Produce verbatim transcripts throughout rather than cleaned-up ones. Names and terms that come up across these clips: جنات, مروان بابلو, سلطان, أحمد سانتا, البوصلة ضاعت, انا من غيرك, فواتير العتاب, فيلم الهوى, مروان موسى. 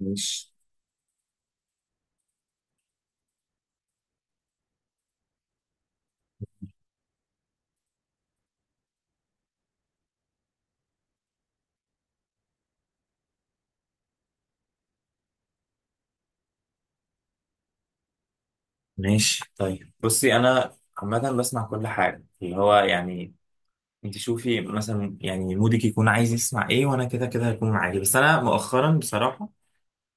ماشي، ماشي. طيب، بصي انا عامه بسمع كل حاجه، اللي هو يعني انت شوفي مثلا يعني مودك يكون عايز يسمع ايه، وانا كده كده هيكون معاكي. بس انا مؤخرا بصراحه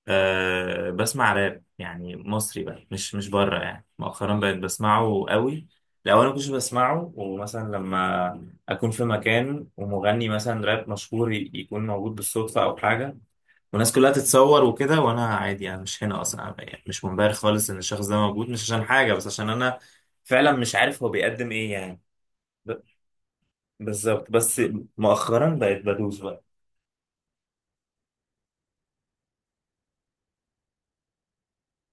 أه بسمع راب، يعني مصري بقى، مش مش بره. يعني مؤخرا بقيت بسمعه قوي. الاول ما كنتش بسمعه، ومثلا لما اكون في مكان ومغني مثلا راب مشهور ي- يكون موجود بالصدفه او حاجه، والناس كلها تتصور وكده، وانا عادي، انا مش هنا اصلا. أنا يعني مش منبهر خالص ان الشخص ده موجود، مش عشان حاجه، بس عشان انا فعلا مش عارف هو بيقدم ايه يعني. ب- بالظبط. بس مؤخرا بقيت بدوس بقى.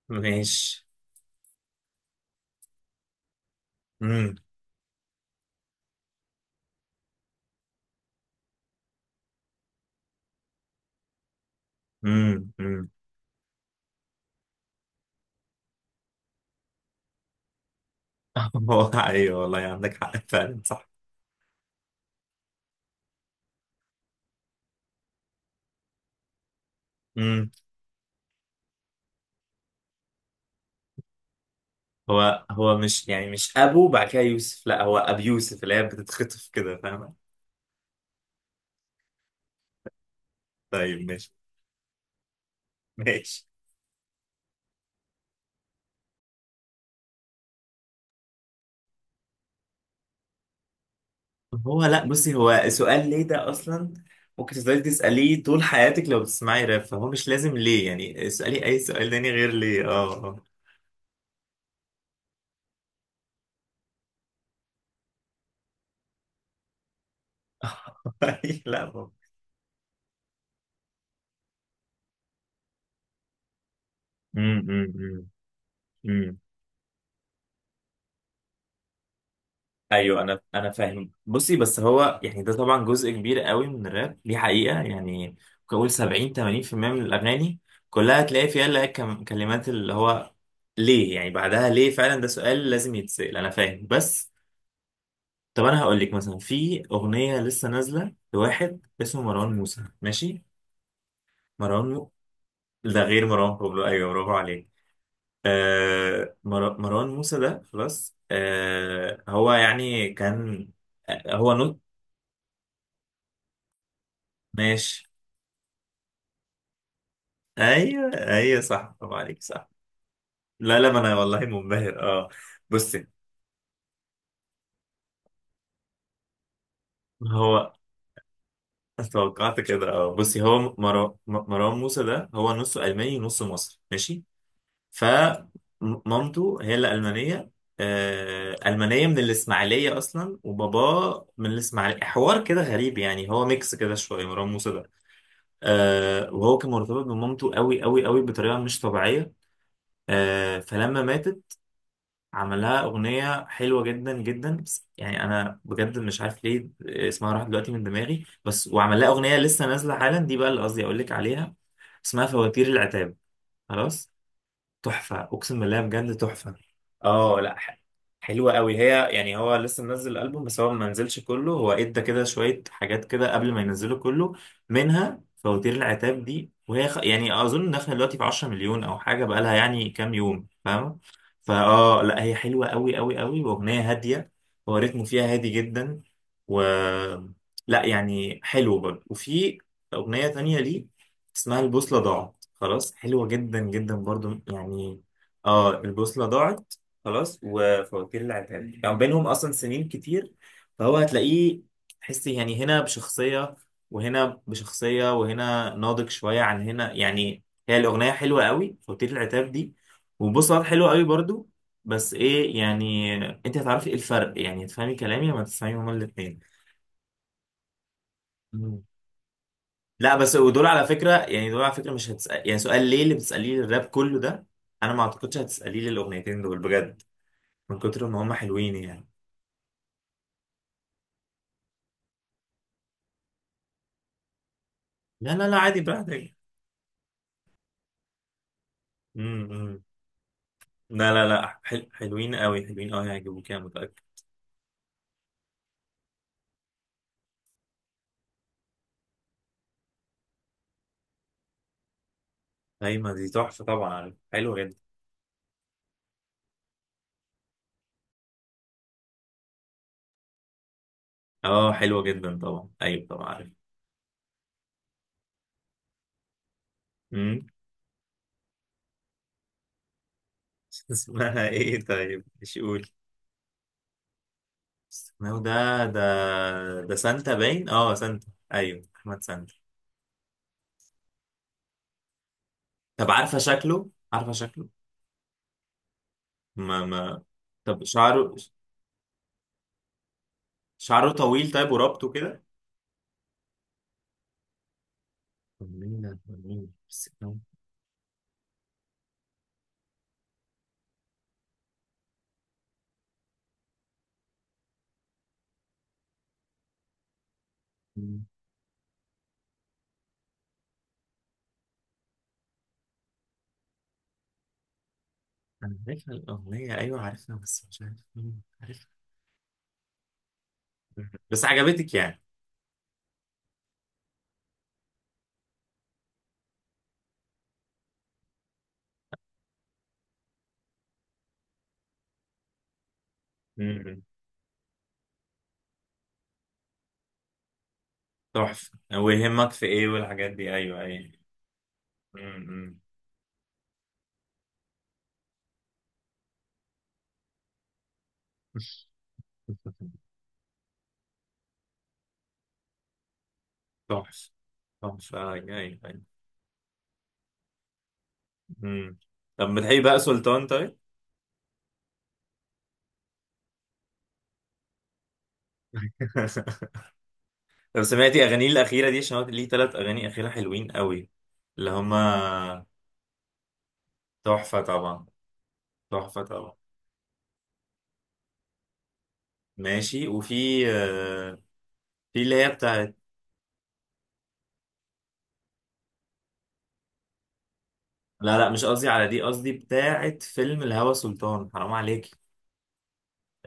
ماشي. امم امم امم. هو ايوه والله، عندك حق فعلا، صح. امم هو هو مش يعني مش ابو بعد كده يوسف، لا، هو ابي يوسف، اللي هي بتتخطف كده، فاهمه؟ طيب، ماشي، ماشي. هو لا، بصي، هو سؤال ليه ده اصلا؟ ممكن تفضلي تساليه طول حياتك، لو بتسمعي راب فهو مش لازم ليه، يعني اسالي اي سؤال تاني غير ليه. اه. آه. لا هو. امم امم امم. ايوه، انا انا فاهم. بصي، بس هو يعني ده طبعا جزء كبير قوي من الراب دي، حقيقه يعني. ممكن اقول سبعين، ثمانين في المئة من الاغاني كلها تلاقي فيها اللي هي كم- كلمات، اللي هو ليه، يعني بعدها ليه. فعلا ده سؤال لازم يتسال، انا فاهم. بس طب انا هقول لك مثلا، في اغنيه لسه نازله لواحد اسمه مروان موسى، ماشي. مروان مو... ده غير مروان بابلو، ايوه، برافو عليك. آه مر... مروان موسى ده، خلاص. آه هو يعني كان، آه، هو نوت، ماشي. ايوه، ايوه، صح، برافو عليك، صح. لا، لا، ما انا والله منبهر. اه، بصي، هو توقعت كده. اه بصي، هو مر... مروان موسى ده، هو نصه الماني ونصه مصري، ماشي. فمامته هي اللي ألمانية، آه، ألمانية من الإسماعيلية أصلا، وباباه من الإسماعيلية. حوار كده غريب، يعني هو ميكس كده شوية مروان موسى ده. آه، وهو كان مرتبط بمامته قوي قوي قوي، بطريقة مش طبيعية. آه، فلما ماتت عملها أغنية حلوة جدا جدا، بس يعني أنا بجد مش عارف ليه اسمها راح دلوقتي من دماغي. بس وعمل لها أغنية لسه نازلة حالا، دي بقى اللي قصدي أقول لك عليها. اسمها فواتير العتاب، خلاص. تحفة، أقسم بالله بجد تحفة. اه لا، ح- حلوة قوي هي، يعني هو لسه منزل الألبوم، بس هو ما نزلش كله، هو ادى كده شوية حاجات كده قبل ما ينزله كله، منها فواتير العتاب دي. وهي خ... يعني أظن داخلة دلوقتي في 10 مليون أو حاجة، بقالها يعني كام يوم، فاهم؟ فاه لا، هي حلوة قوي قوي قوي، وأغنية هادية، هو رتمه فيها هادي جدا. و لا، يعني حلو برضه. وفي أغنية تانية ليه اسمها البوصلة ضاعت، خلاص، حلوة جدا جدا برضو يعني. اه، البوصلة ضاعت، خلاص. وفواتير العتاب يعني بينهم أصلا سنين كتير، فهو هتلاقيه، تحسي يعني هنا بشخصية، وهنا بشخصية، وهنا ناضج شوية عن هنا يعني. هي الأغنية حلوة قوي، فواتير العتاب دي، وبوصلة حلوة قوي برضو. بس إيه يعني، أنت هتعرفي إيه الفرق، يعني هتفهمي كلامي لما تسمعي هما الاتنين. لا بس، ودول على فكرة، يعني دول على فكرة مش هتسأل يعني سؤال ليه اللي بتسأليه للراب كله ده. أنا ما أعتقدش هتسأليه للأغنيتين دول، بجد، من كتر ما هم حلوين يعني. لا، لا، لا، عادي، براحتك. امم لا، لا، لا، حل... حلوين قوي، حلوين قوي، هيعجبوك أنا متأكد. أيمن دي تحفة طبعا، عارف، حلوة جدا. أه، حلوة جدا طبعا، أيوة طبعا عارف. امم اسمها إيه طيب؟ مش قول. اسمه ده، ده ده سانتا باين، أه، سانتا. أيوه أحمد سانتا. طب عارفة شكله؟ عارفة شكله؟ ما ما طب شعره شعره طويل طيب، وربطه كده. أغنية أغنية بس كان- أنا عارفها الأغنية، أيوة عارفها، بس مش عارف مين عارفها. بس عجبتك يعني؟ مم. تحفة، ويهمك في ايه، والحاجات دي، ايوه، ايوه. مم. تحفة، تحفة، ايوه، ايوه، أيوة. مم. طب بتحبي بقى سلطان طيب؟ طب سمعتي اغانيه الاخيرة دي، عشان هو ليه ثلاث اغاني اخيرة حلوين قوي، اللي هما، تحفة طبعا، تحفة طبعا، ماشي. وفي آه، في اللي هي بتاعت، لا، لا، مش قصدي على دي، قصدي بتاعت فيلم الهوى، سلطان حرام عليك.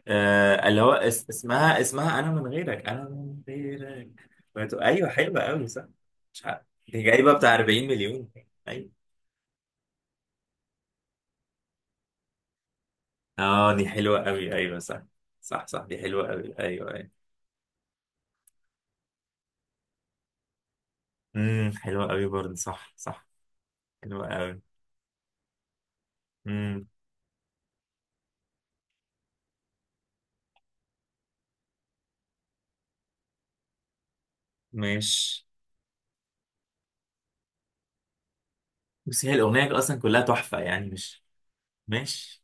آه اللي هو، اس اسمها اسمها انا من غيرك، انا من غيرك. بتو- ايوه، حلوه قوي، صح. مش عارف، دي جايبه بتاع 40 مليون، ايوه. اه، دي حلوه قوي، ايوه، صح، صح، صح، دي حلوه قوي، ايوه، ايوه. امم، حلوه قوي برضه، صح، صح، حلوه قوي. امم ماشي. بس هي الاغنيه اصلا كلها تحفه يعني، مش ماشي.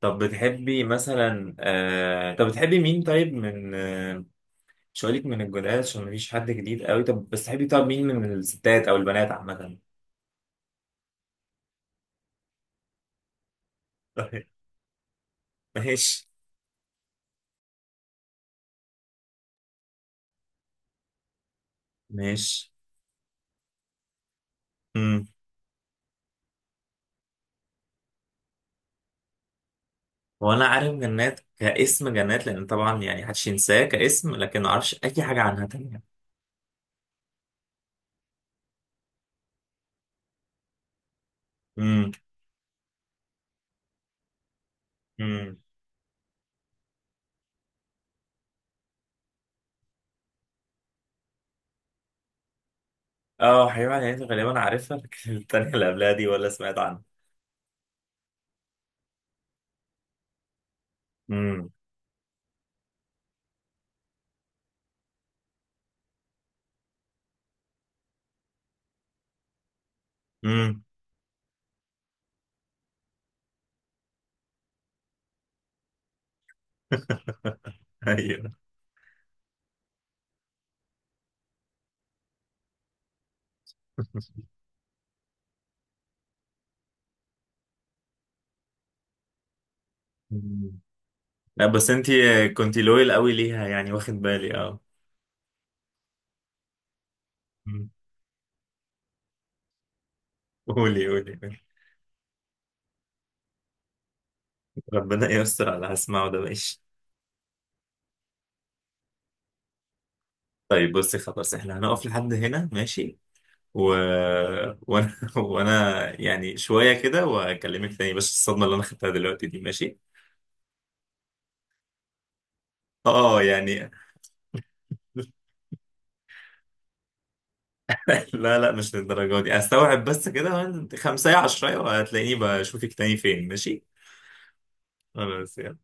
طب بتحبي مثلا آه... طب بتحبي مين طيب، من آه... مش هقولك من الجولات، عشان مفيش حد جديد قوي. طب بس، تحبي طب مين، من الستات او البنات عامة؟ طيب، ماشي، ماشي. امم هو انا عارف جنات كاسم، جنات لان طبعا يعني محدش ينساه كاسم، لكن ما اعرفش اي حاجة عنها تانية. امم امم اه، حبيبي على نهايتي غالبا عارفها، لكن التانية اللي قبلها دي ولا سمعت عنها. امم امم ايوه. لا بس انت كنت لويل قوي ليها، يعني واخد بالي، اه. مم. قولي، قولي، قولي. ربنا يستر على اللي هسمعه ده، ماشي. طيب بصي، خلاص، احنا هنقف لحد هنا، ماشي. و... وانا وانا يعني شوية كده واكلمك تاني، بس الصدمة اللي انا خدتها دلوقتي دي، ماشي. اه يعني لا، لا، مش للدرجة دي، استوعب بس كده خمسة عشرة وهتلاقيني بشوفك تاني فين، ماشي. خلاص.